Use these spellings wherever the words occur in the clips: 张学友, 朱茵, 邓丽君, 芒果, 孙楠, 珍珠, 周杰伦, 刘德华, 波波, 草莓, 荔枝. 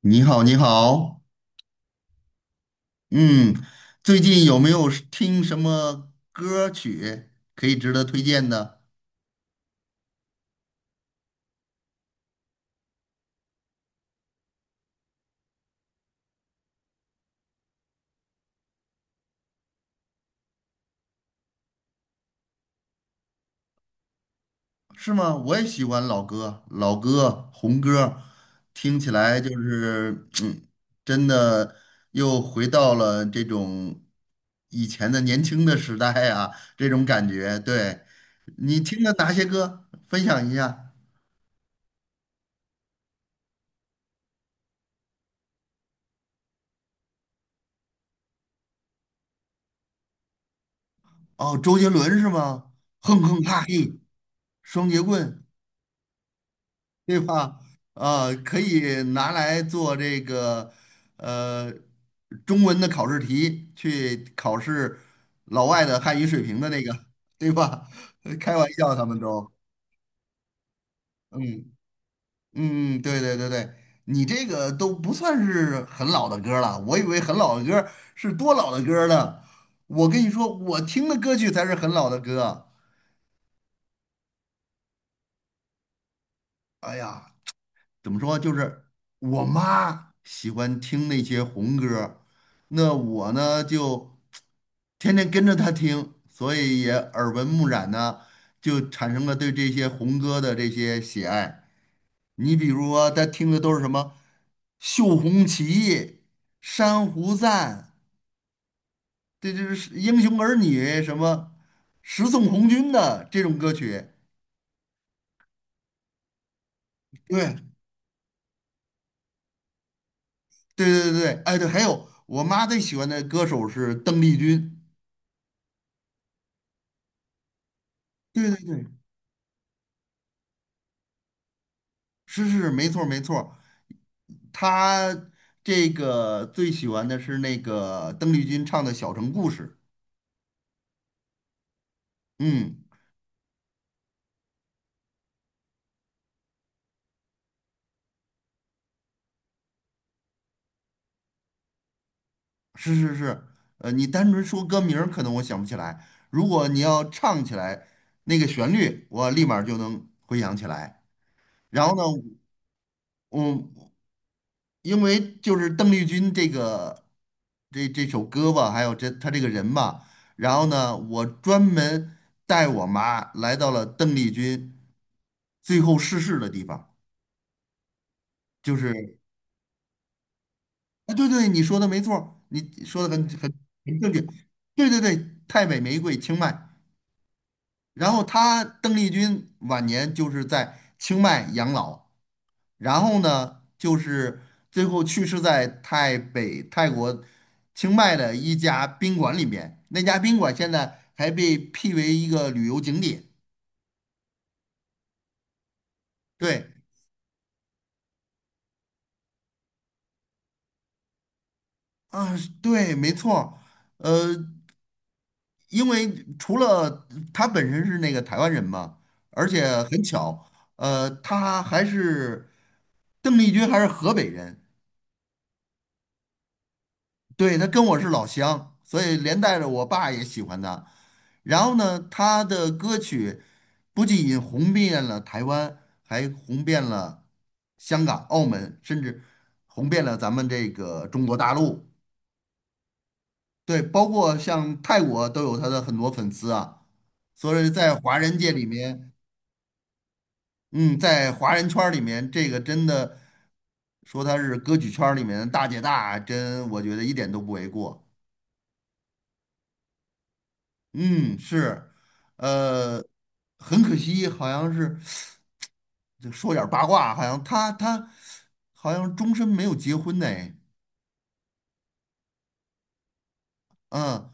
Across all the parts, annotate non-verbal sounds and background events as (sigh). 你好，你好。嗯，最近有没有是听什么歌曲可以值得推荐的？是吗？我也喜欢老歌，老歌、红歌，听起来就是，真的又回到了这种以前的年轻的时代啊，(laughs) 这种感觉。对，你听了哪些歌？分享一下。哦，周杰伦是吗？哼哼哈嘿，双截棍。对吧？啊，可以拿来做这个呃中文的考试题，去考试老外的汉语水平的那个，对吧？(laughs) 开玩笑，他们都，嗯嗯，对对对对。你这个都不算是很老的歌儿了，我以为很老的歌儿是多老的歌儿呢。我跟你说，我听的歌曲才是很老的歌。哎呀，怎么说，就是我妈喜欢听那些红歌，那我呢就天天跟着她听，所以也耳闻目染呢，就产生了对这些红歌的这些喜爱。你比如说，她听的都是什么《绣红旗》《珊瑚赞》，这就是《英雄儿女》，什么《十送红军》的这种歌曲。对对对对，哎对，还有我妈最喜欢的歌手是邓丽君。对对对，是是没错没错，他这个最喜欢的是那个邓丽君唱的《小城故事》。嗯，是是是，你单纯说歌名儿可能我想不起来，如果你要唱起来那个旋律，我立马儿就能回想起来。然后呢，我因为就是邓丽君这个这首歌吧，还有这她这个人吧，然后呢，我专门带我妈来到了邓丽君最后逝世的地方，就是。啊，对对，你说的没错儿，你说的很很正确。对对对，太北玫瑰清迈，然后她邓丽君晚年就是在清迈养老。然后呢，就是最后去世在泰北泰国清迈的一家宾馆里面。那家宾馆现在还被辟为一个旅游景点。对，啊，对，没错儿。呃，因为除了他本身是那个台湾人嘛，而且很巧，他还是邓丽君还是河北人。对，他跟我是老乡，所以连带着我爸也喜欢他。然后呢，他的歌曲不仅红遍了台湾，还红遍了香港、澳门，甚至红遍了咱们这个中国大陆。对，包括像泰国都有他的很多粉丝啊。所以在华人界里面，嗯，在华人圈儿里面，这个真的说他是歌曲圈儿里面的大姐大，真我觉得一点都不为过。嗯，是。呃，很可惜，好像是就说点儿八卦，好像他好像终身没有结婚呢。嗯。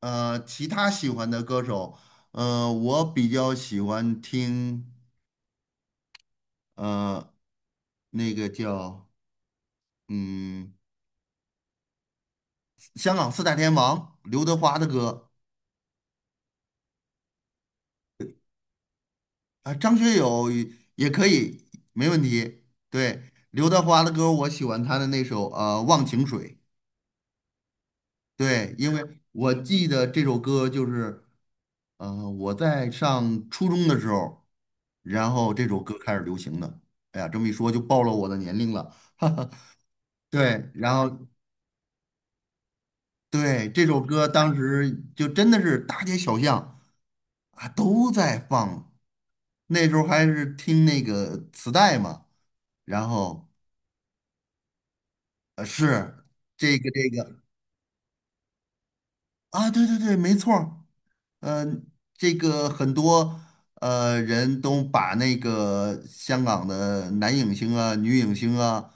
其他喜欢的歌手，我比较喜欢听呃那个叫嗯香港四大天王刘德华的歌。啊，张学友也可以，没问题。对，刘德华的歌，我喜欢他的那首《忘情水》。对，因为我记得这首歌就是，我在上初中的时候，然后这首歌开始流行的。哎呀，这么一说就暴露我的年龄了，(laughs) 哈哈。对，然后对这首歌当时就真的是大街小巷啊都在放，那时候还是听那个磁带嘛，然后是这个。啊，对对对，没错儿。嗯、这个很多人都把那个香港的男影星啊、女影星啊，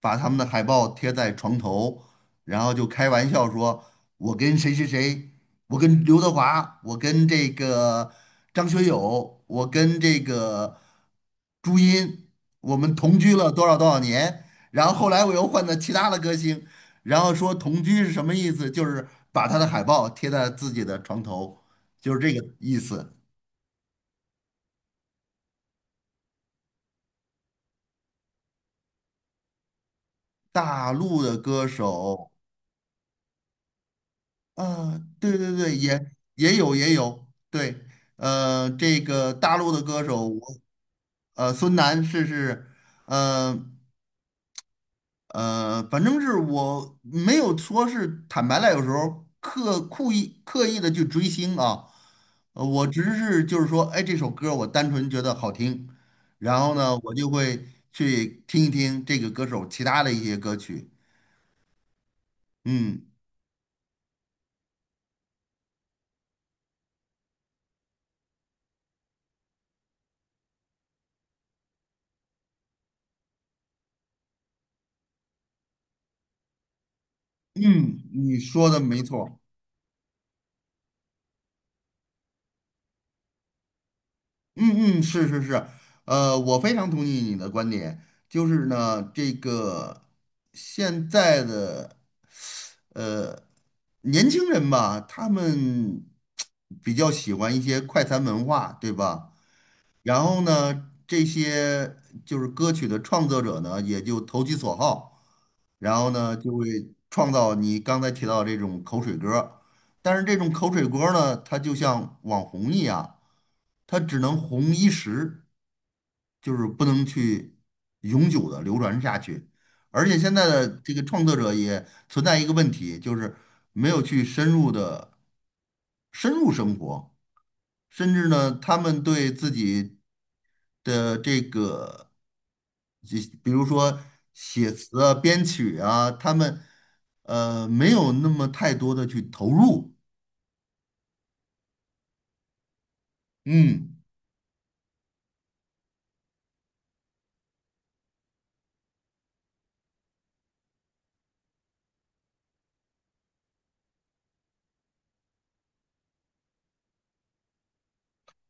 把他们的海报贴在床头，然后就开玩笑说：“我跟谁谁谁，我跟刘德华，我跟这个张学友，我跟这个朱茵，我们同居了多少多少年。”然后后来我又换了其他的歌星，然后说同居是什么意思？就是把他的海报贴在自己的床头，就是这个意思。大陆的歌手啊，对对对，也有也有，对，这个大陆的歌手，孙楠是是，嗯。反正是我没有说是坦白了，有时候故意刻意的去追星啊，我只是就是说，哎，这首歌我单纯觉得好听，然后呢，我就会去听一听这个歌手其他的一些歌曲。嗯嗯，你说的没错。嗯嗯，是是是，我非常同意你的观点，就是呢，这个现在的。呃，年轻人吧，他们 (tsk) 比较喜欢一些快餐文化，对吧？然后呢，这些就是歌曲的创作者呢，也就投其所好，然后呢，就会创造你刚才提到这种口水歌儿。但是这种口水歌儿呢，它就像网红一样，它只能红一时，就是不能去永久的流传下去。而且现在的这个创作者也存在一个问题，就是没有去深入生活，甚至呢，他们对自己的这个，就比如说写词啊、编曲啊，他们没有那么太多的去投入，嗯。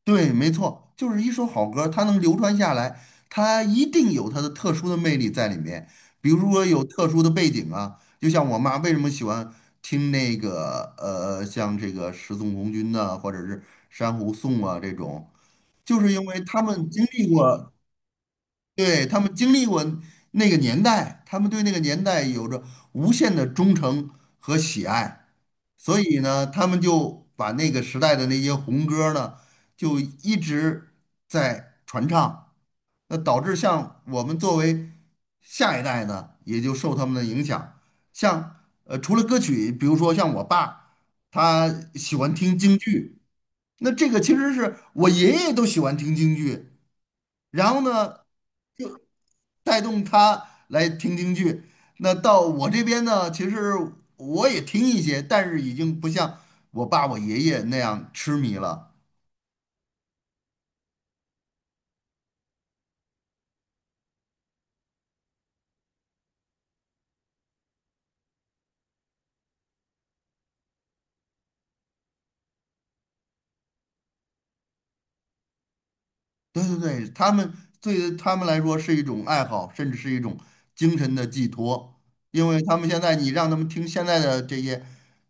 对，没错，就是一首好歌，它能流传下来，它一定有它的特殊的魅力在里面。比如说有特殊的背景啊，就像我妈为什么喜欢听那个像这个十送红军呐、或者是珊瑚颂啊这种，就是因为他们经历过，对，他们经历过那个年代，他们对那个年代有着无限的忠诚和喜爱，所以呢，他们就把那个时代的那些红歌儿呢，就一直在传唱，那导致像我们作为下一代呢，也就受他们的影响。像除了歌曲，比如说像我爸，他喜欢听京剧，那这个其实是我爷爷都喜欢听京剧，然后呢。带动他来听京剧。那到我这边呢，其实我也听一些，但是已经不像我爸我爷爷那样痴迷了。对对对，对他们来说是一种爱好，甚至是一种精神的寄托。因为他们现在你让他们听现在的这些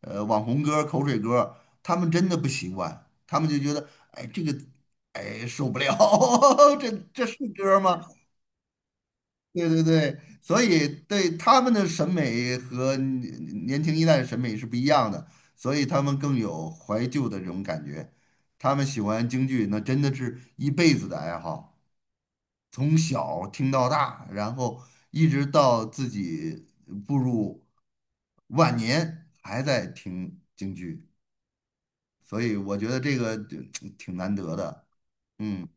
网红歌、口水歌，他们真的不习惯，他们就觉得哎这个哎受不了，(laughs) 这这是歌吗？对对对，所以对他们的审美和年轻一代的审美是不一样的，所以他们更有怀旧的这种感觉。他们喜欢京剧，那真的是一辈子的爱好，从小听到大，然后一直到自己步入晚年还在听京剧，所以我觉得这个就 (tsk) 挺难得的。嗯。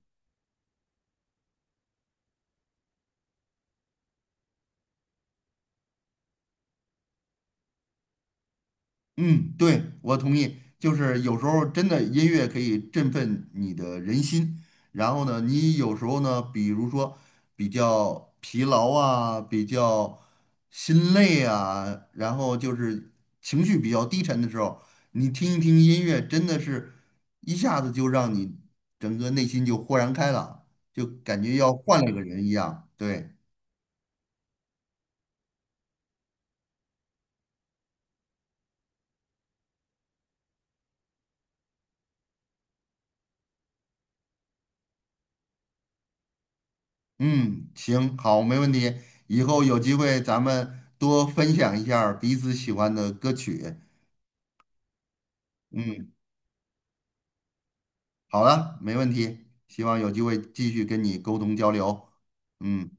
嗯，对，我同意。就是有时候真的音乐可以振奋你的人心，然后呢，你有时候呢，比如说比较疲劳啊，比较心累啊，然后就是情绪比较低沉的时候，你听一听音乐，真的是一下子就让你整个内心就豁然开朗，就感觉要换了个人一样。对，嗯，行，好，没问题。以后有机会咱们多分享一下儿彼此喜欢的歌曲。嗯，好了，没问题。希望有机会继续跟你沟通交流。嗯，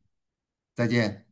再见。